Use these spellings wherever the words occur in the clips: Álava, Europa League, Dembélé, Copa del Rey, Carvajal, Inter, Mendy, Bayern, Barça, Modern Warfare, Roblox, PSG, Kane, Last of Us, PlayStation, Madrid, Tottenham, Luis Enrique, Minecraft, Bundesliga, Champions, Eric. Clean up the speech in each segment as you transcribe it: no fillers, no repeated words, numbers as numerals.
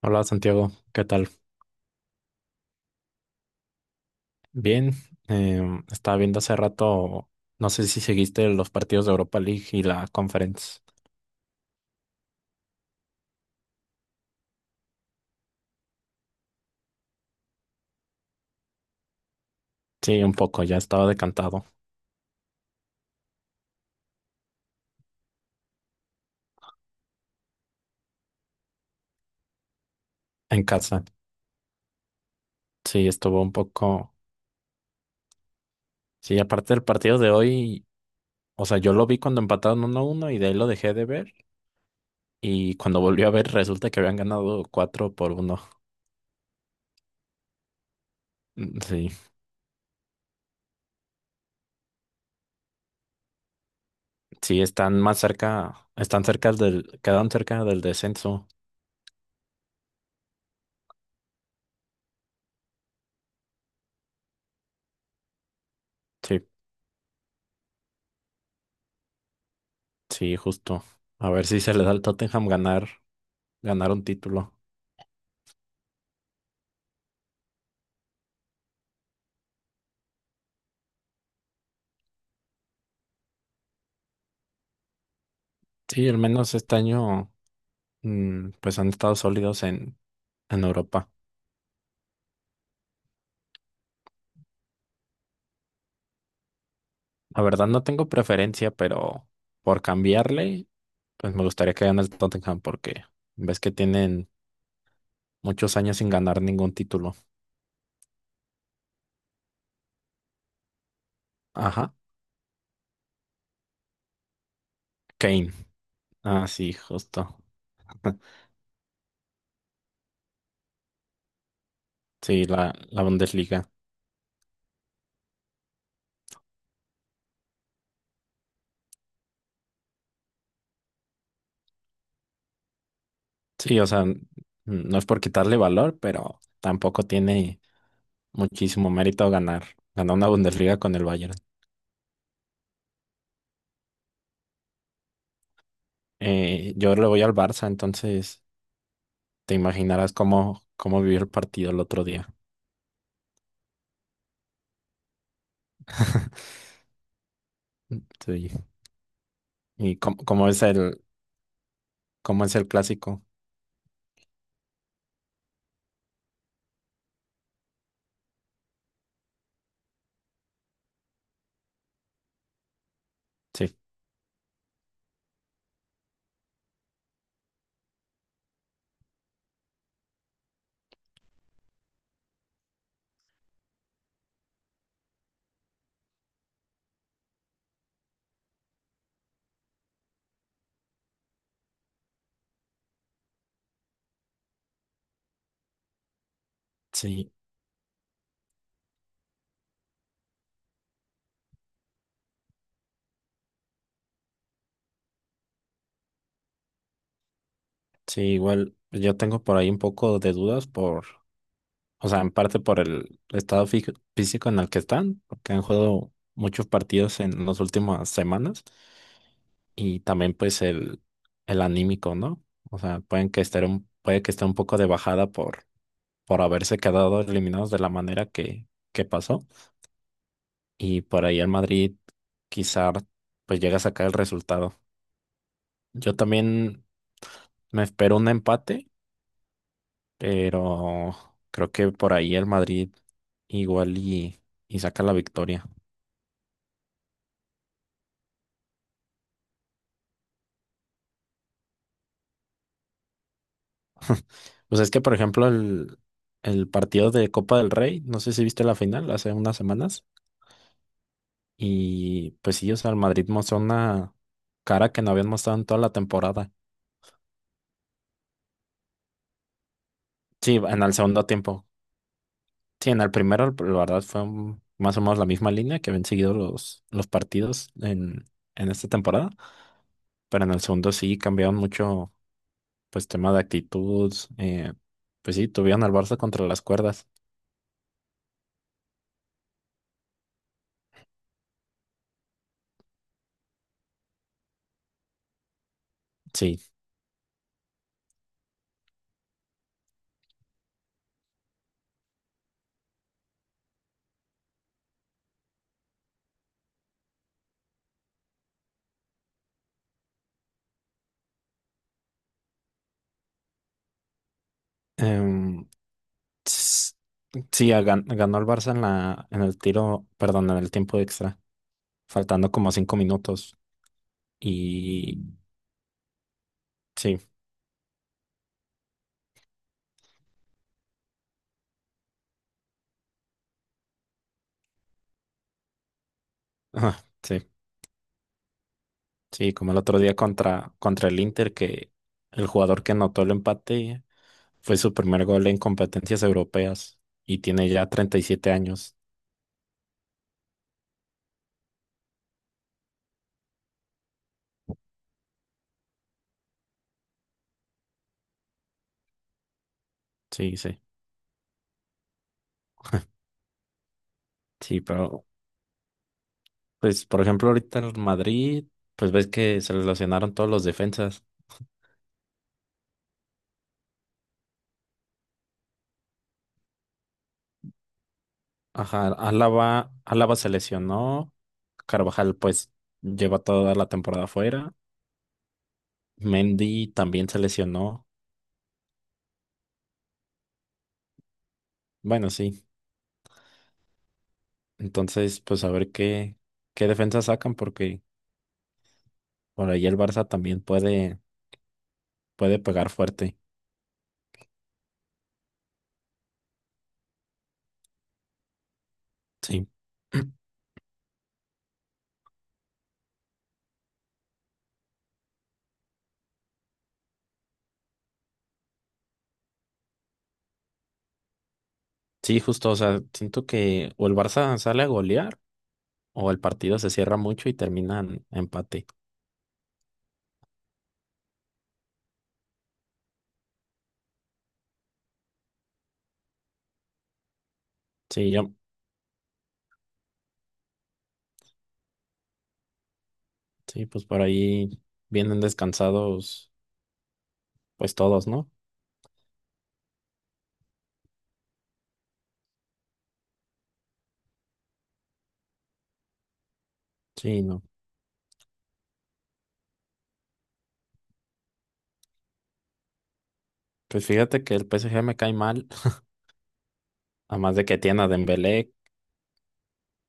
Hola Santiago, ¿qué tal? Bien, estaba viendo hace rato, no sé si seguiste los partidos de Europa League y la Conference. Sí, un poco, ya estaba decantado en casa. Sí, estuvo un poco. Sí, aparte del partido de hoy, o sea, yo lo vi cuando empataron uno a uno y de ahí lo dejé de ver. Y cuando volví a ver, resulta que habían ganado 4 por uno. Mm, sí, sí, están más cerca, están cerca quedaron cerca del descenso. Sí, sí, justo. A ver si se le da al Tottenham ganar ganar un título. Sí, al menos este año, pues han estado sólidos en Europa. La verdad no tengo preferencia, pero por cambiarle, pues me gustaría que gane el Tottenham porque ves que tienen muchos años sin ganar ningún título. Ajá, Kane. Ah, sí, justo. Sí, la, la Bundesliga. Sí, o sea, no es por quitarle valor, pero tampoco tiene muchísimo mérito ganar. Ganar una Bundesliga con el Bayern. Yo le voy al Barça, entonces te imaginarás cómo, cómo vivió el partido el otro día. Sí. Y cómo, cómo es el clásico. Sí, sí, sí, igual yo tengo por ahí un poco de dudas por, o sea, en parte por el estado físico en el que están, porque han jugado muchos partidos en las últimas semanas y también pues el anímico, ¿no? O sea, puede que esté un poco de bajada por haberse quedado eliminados de la manera que pasó. Y por ahí el Madrid quizá pues llega a sacar el resultado. Yo también me espero un empate, pero creo que por ahí el Madrid igual y saca la victoria. Pues es que, por ejemplo, el partido de Copa del Rey, no sé si viste la final hace unas semanas, y pues sí, o sea, el Madrid mostró una cara que no habían mostrado en toda la temporada. Sí, en el segundo tiempo, sí, en el primero, la verdad, más o menos la misma línea que habían seguido los partidos en esta temporada, pero en el segundo sí cambiaron mucho, pues, tema de actitud, eh, pues sí, tuvieron al Barça contra las cuerdas, sí. Em, s- ganó el Barça en la, en el tiro, perdón, en el tiempo extra, faltando como 5 minutos, y sí, ah, sí, sí, como el otro día contra, contra el Inter, que el jugador que anotó el empate fue su primer gol en competencias europeas y tiene ya 37 años. Sí, sí. Sí, pero pues por ejemplo ahorita el Madrid, pues ves que se lesionaron todos los defensas. Ajá, Álava, Álava se lesionó, Carvajal pues lleva toda la temporada fuera, Mendy también se lesionó. Bueno, sí. Entonces, pues a ver qué qué defensa sacan porque por ahí el Barça también puede puede pegar fuerte. Sí. Sí, justo, o sea, siento que o el Barça sale a golear o el partido se cierra mucho y termina empate. Sí, yo, sí, pues por ahí vienen descansados pues todos, ¿no? Sí, no. Pues fíjate que el PSG me cae mal, además de que tiene a Dembélé,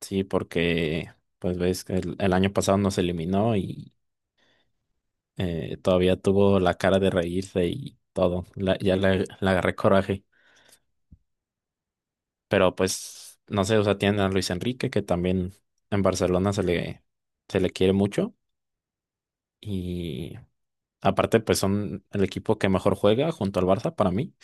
sí, porque pues ves que el año pasado nos eliminó y todavía tuvo la cara de reírse y todo, ya le agarré coraje. Pero pues, no sé, o sea, tienen a Luis Enrique, que también en Barcelona se le quiere mucho. Y aparte, pues son el equipo que mejor juega junto al Barça para mí.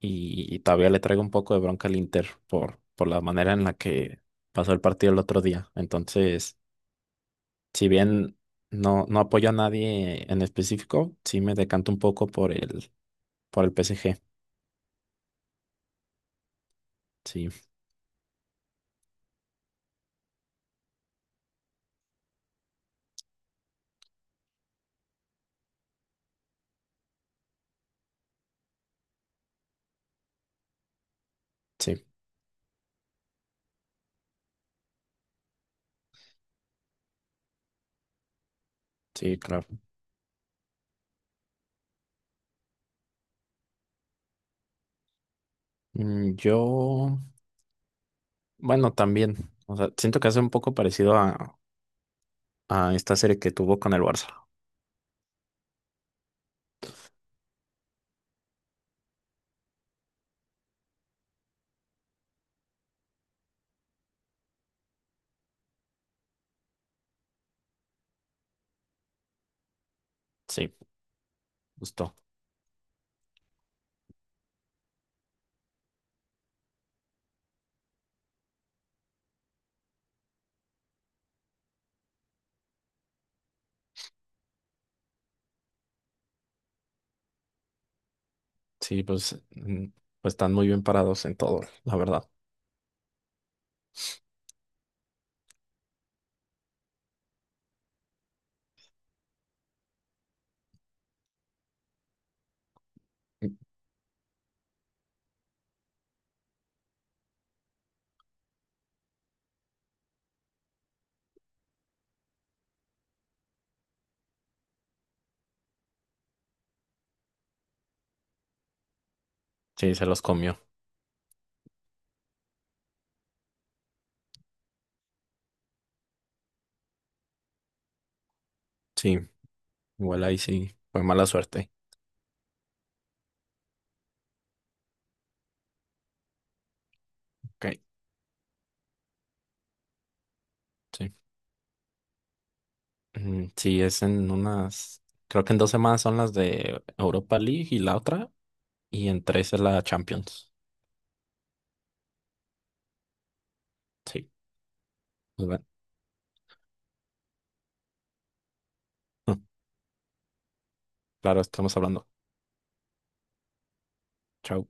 Y todavía le traigo un poco de bronca al Inter por la manera en la que pasó el partido el otro día. Entonces, si bien no, no apoyo a nadie en específico, sí me decanto un poco por el PSG. Sí, sí, sí, claro. Mm, yo. Bueno, también. O sea, siento que hace un poco parecido a esta serie que tuvo con el Barça. Sí, justo. Sí, pues, pues están muy bien parados en todo, la verdad. Sí, se los comió. Sí, igual ahí sí. Fue mala suerte. Ok, sí. Mm, sí, es en unas. Creo que en 2 semanas son las de Europa League y la otra. Y en tres es la Champions. Sí, pues bueno. Claro, estamos hablando. Chao.